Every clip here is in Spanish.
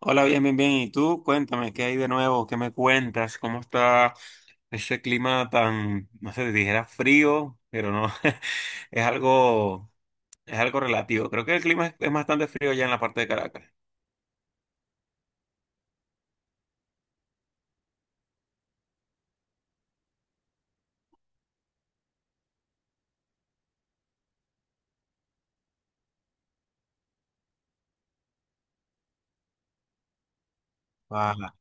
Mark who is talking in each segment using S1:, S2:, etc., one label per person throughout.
S1: Hola, bien, bien, bien. ¿Y tú? Cuéntame, ¿qué hay de nuevo? ¿Qué me cuentas? ¿Cómo está ese clima tan, no sé, dijera frío, pero no, es algo, es algo relativo. Creo que el clima es bastante frío ya en la parte de Caracas. Ajá.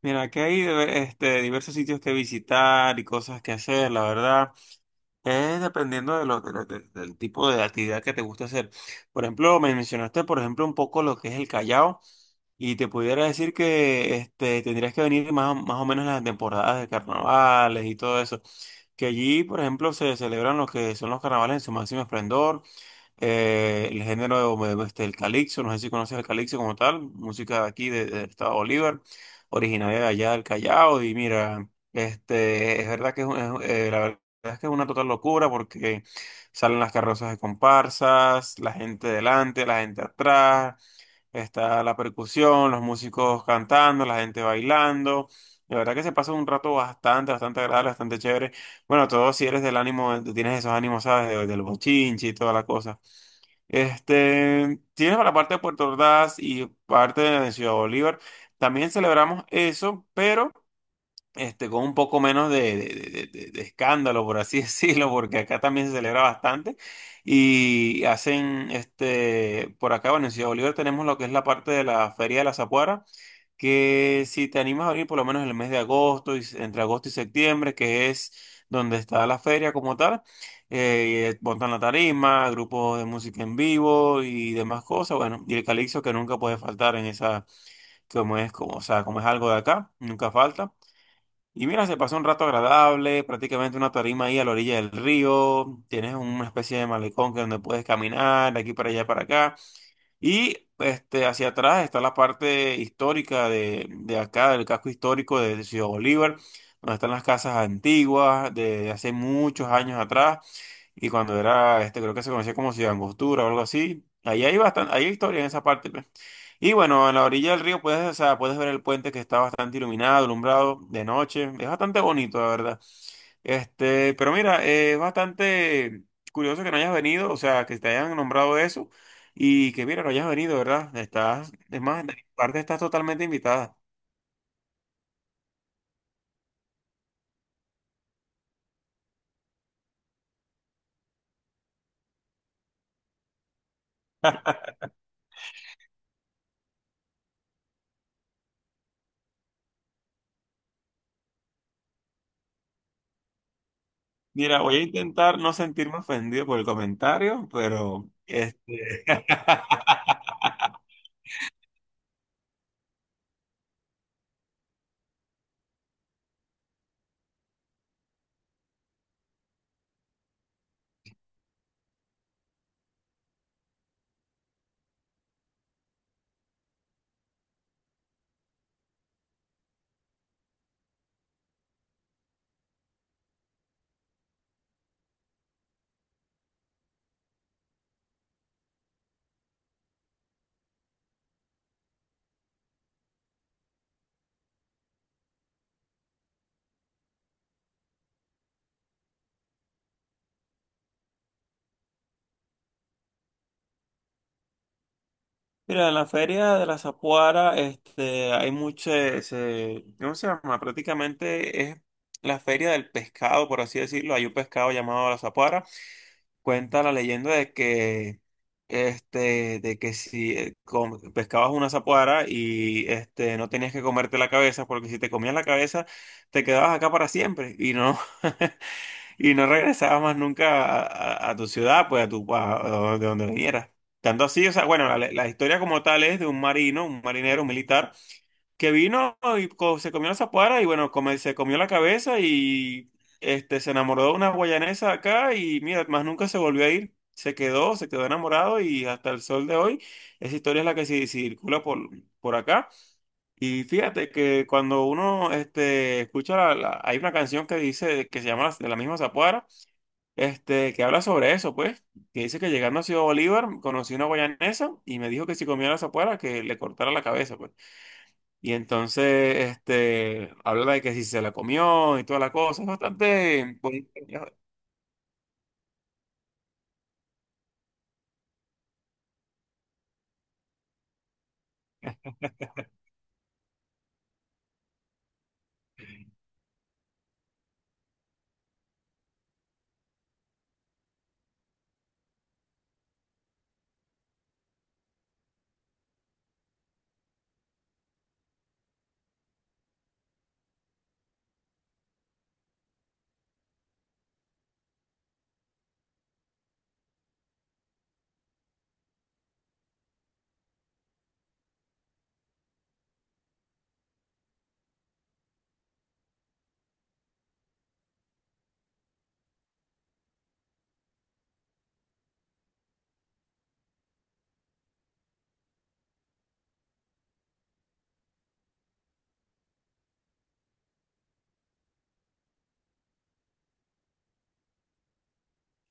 S1: Mira, aquí hay diversos sitios que visitar y cosas que hacer, la verdad. Es dependiendo de del tipo de actividad que te gusta hacer. Por ejemplo, me mencionaste, por ejemplo, un poco lo que es el Callao. Y te pudiera decir que tendrías que venir más o menos en las temporadas de carnavales y todo eso. Que allí, por ejemplo, se celebran lo que son los carnavales en su máximo esplendor. El género, el calixto, no sé si conoces el calixto como tal, música de aquí del estado Bolívar, originaria de allá del Callao. Y mira, es verdad que la verdad es que es una total locura porque salen las carrozas de comparsas, la gente delante, la gente atrás. Está la percusión, los músicos cantando, la gente bailando. De verdad que se pasa un rato bastante, bastante agradable, bastante chévere. Bueno, todo si eres del ánimo, tienes esos ánimos, ¿sabes? Del bochinche y toda la cosa. Tienes para la parte de Puerto Ordaz y parte de Ciudad Bolívar. También celebramos eso, pero con un poco menos de escándalo, por así decirlo, porque acá también se celebra bastante. Y hacen, por acá, bueno, en Ciudad Bolívar tenemos lo que es la parte de la Feria de la Zapuara, que si te animas a venir por lo menos en el mes de agosto, entre agosto y septiembre, que es donde está la feria como tal. Montan la tarima, grupos de música en vivo y demás cosas, bueno, y el calixto que nunca puede faltar en esa, o sea, como es algo de acá, nunca falta. Y mira, se pasó un rato agradable, prácticamente una tarima ahí a la orilla del río, tienes una especie de malecón que donde puedes caminar de aquí para allá para acá. Y hacia atrás está la parte histórica de acá, del casco histórico de Ciudad Bolívar, donde están las casas antiguas de hace muchos años atrás, y cuando era, creo que se conocía como Ciudad Angostura o algo así. Ahí hay bastante, ahí hay historia en esa parte, pues. Y bueno, en la orilla del río puedes, o sea, puedes ver el puente que está bastante iluminado, alumbrado de noche. Es bastante bonito, la verdad. Pero mira, es bastante curioso que no hayas venido, o sea, que te hayan nombrado eso y que mira, no hayas venido, ¿verdad? Estás, es más, de mi parte estás totalmente invitada. Mira, voy a intentar no sentirme ofendido por el comentario, pero Mira, en la feria de la Zapuara, hay mucho, ¿cómo se llama? Prácticamente es la feria del pescado, por así decirlo. Hay un pescado llamado la Zapuara. Cuenta la leyenda de que, de que si pescabas una zapuara y, no tenías que comerte la cabeza, porque si te comías la cabeza, te quedabas acá para siempre. Y no, y no regresabas más nunca a, a tu ciudad, pues a tu a donde, de donde vinieras. Tanto así, o sea, bueno, la historia como tal es de un marino, un marinero, un militar, que vino y se comió la zapuara y bueno, se comió la cabeza y se enamoró de una guayanesa acá y mira, más nunca se volvió a ir. Se quedó enamorado y hasta el sol de hoy, esa historia es la que circula por acá. Y fíjate que cuando uno escucha, hay una canción que dice, que se llama de la misma zapuara. Que habla sobre eso, pues, que dice que llegando a Ciudad Bolívar conocí una guayanesa y me dijo que si comía la zapuera que le cortara la cabeza, pues. Y entonces, habla de que si se la comió y toda la cosa, es bastante, pues.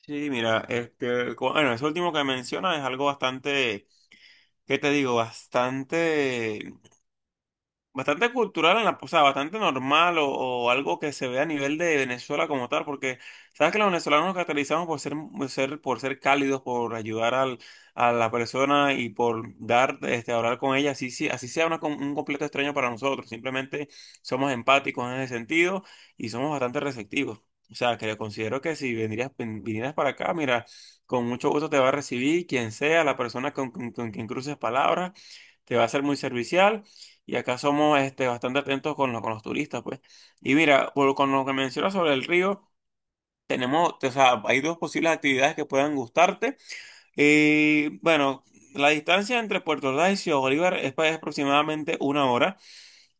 S1: Sí, mira, bueno, eso último que menciona es algo bastante, ¿qué te digo? Bastante cultural, en la, o sea, bastante normal o algo que se ve a nivel de Venezuela como tal, porque sabes que los venezolanos nos caracterizamos por ser, por ser cálidos, por ayudar al, a la persona y por dar, hablar con ella, así, así sea una un completo extraño para nosotros, simplemente somos empáticos en ese sentido y somos bastante receptivos. O sea, que yo considero que si vendrías, vinieras para acá, mira, con mucho gusto te va a recibir quien sea, la persona con, con quien cruces palabras te va a ser muy servicial y acá somos bastante atentos con, con los turistas, pues. Y mira, con lo que mencionas sobre el río, tenemos, o sea, hay dos posibles actividades que puedan gustarte. Eh, bueno, la distancia entre Puerto Ordaz y Ciudad Bolívar es, pues, aproximadamente una hora.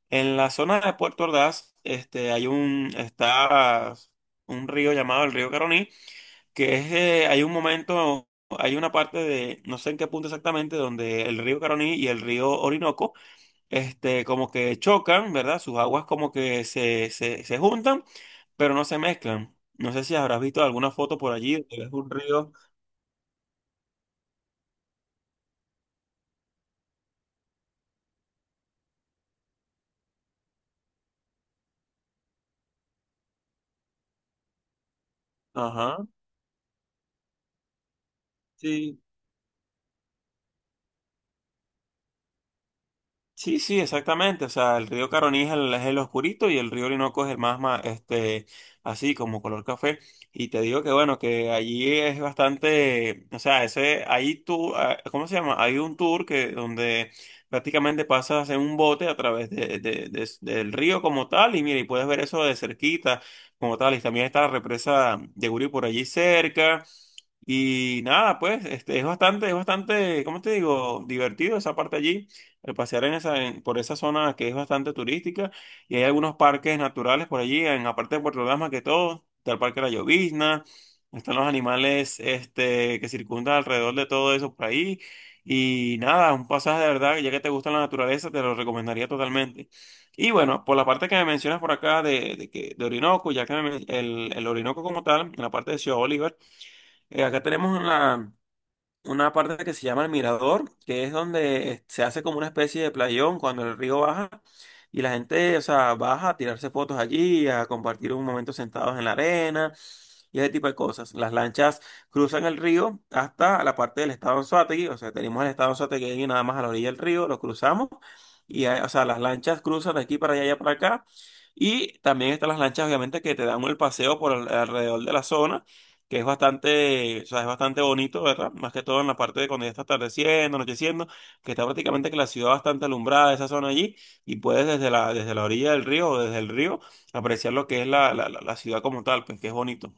S1: En la zona de Puerto Ordaz, hay un, está un río llamado el río Caroní, que es, hay un momento. Hay una parte de, no sé en qué punto exactamente, donde el río Caroní y el río Orinoco como que chocan, ¿verdad? Sus aguas como que se juntan, pero no se mezclan. No sé si habrás visto alguna foto por allí, es un río. Ajá. Sí, sí, sí, exactamente. O sea, el río Caroní es el oscurito y el río Orinoco es el más, así como color café. Y te digo que bueno, que allí es bastante, o sea, ese, ahí tú, ah, ¿cómo se llama? Hay un tour que donde prácticamente pasas en un bote a través del río como tal y mira, y puedes ver eso de cerquita como tal. Y también está la represa de Guri por allí cerca. Y nada, pues, es bastante, ¿cómo te digo? Divertido esa parte allí, el pasear en esa, por esa zona que es bastante turística y hay algunos parques naturales por allí, en la parte de Puerto Ordaz más que todo, está el Parque La Llovizna, están los animales, que circundan alrededor de todo eso por ahí y nada, un pasaje de verdad, ya que te gusta la naturaleza, te lo recomendaría totalmente. Y bueno, por la parte que me mencionas por acá de Orinoco, ya que el Orinoco como tal, en la parte de Ciudad Bolívar, acá tenemos una parte que se llama el mirador, que es donde se hace como una especie de playón cuando el río baja y la gente, o sea, baja a tirarse fotos allí, a compartir un momento sentados en la arena y ese tipo de cosas. Las lanchas cruzan el río hasta la parte del estado Anzoátegui, o sea, tenemos el estado Anzoátegui ahí nada más a la orilla del río, lo cruzamos y, o sea, las lanchas cruzan de aquí para allá, y allá para acá. Y también están las lanchas, obviamente, que te dan el paseo por alrededor de la zona que es bastante, o sea, es bastante bonito, ¿verdad? Más que todo en la parte de cuando ya está atardeciendo, anocheciendo, que está prácticamente que la ciudad bastante alumbrada, esa zona allí, y puedes desde la orilla del río o desde el río apreciar lo que es la ciudad como tal, pues que es bonito.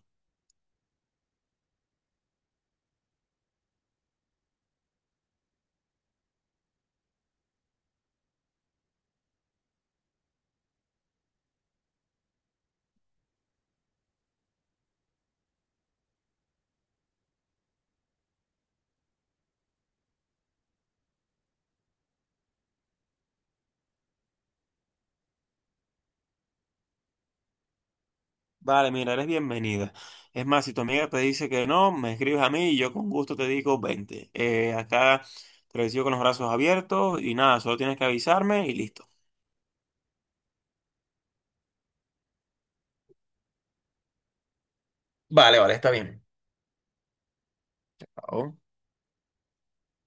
S1: Vale, mira, eres bienvenida. Es más, si tu amiga te dice que no, me escribes a mí y yo con gusto te digo, vente. Acá te recibo con los brazos abiertos y nada, solo tienes que avisarme y listo. Vale, vale, está bien. Chao.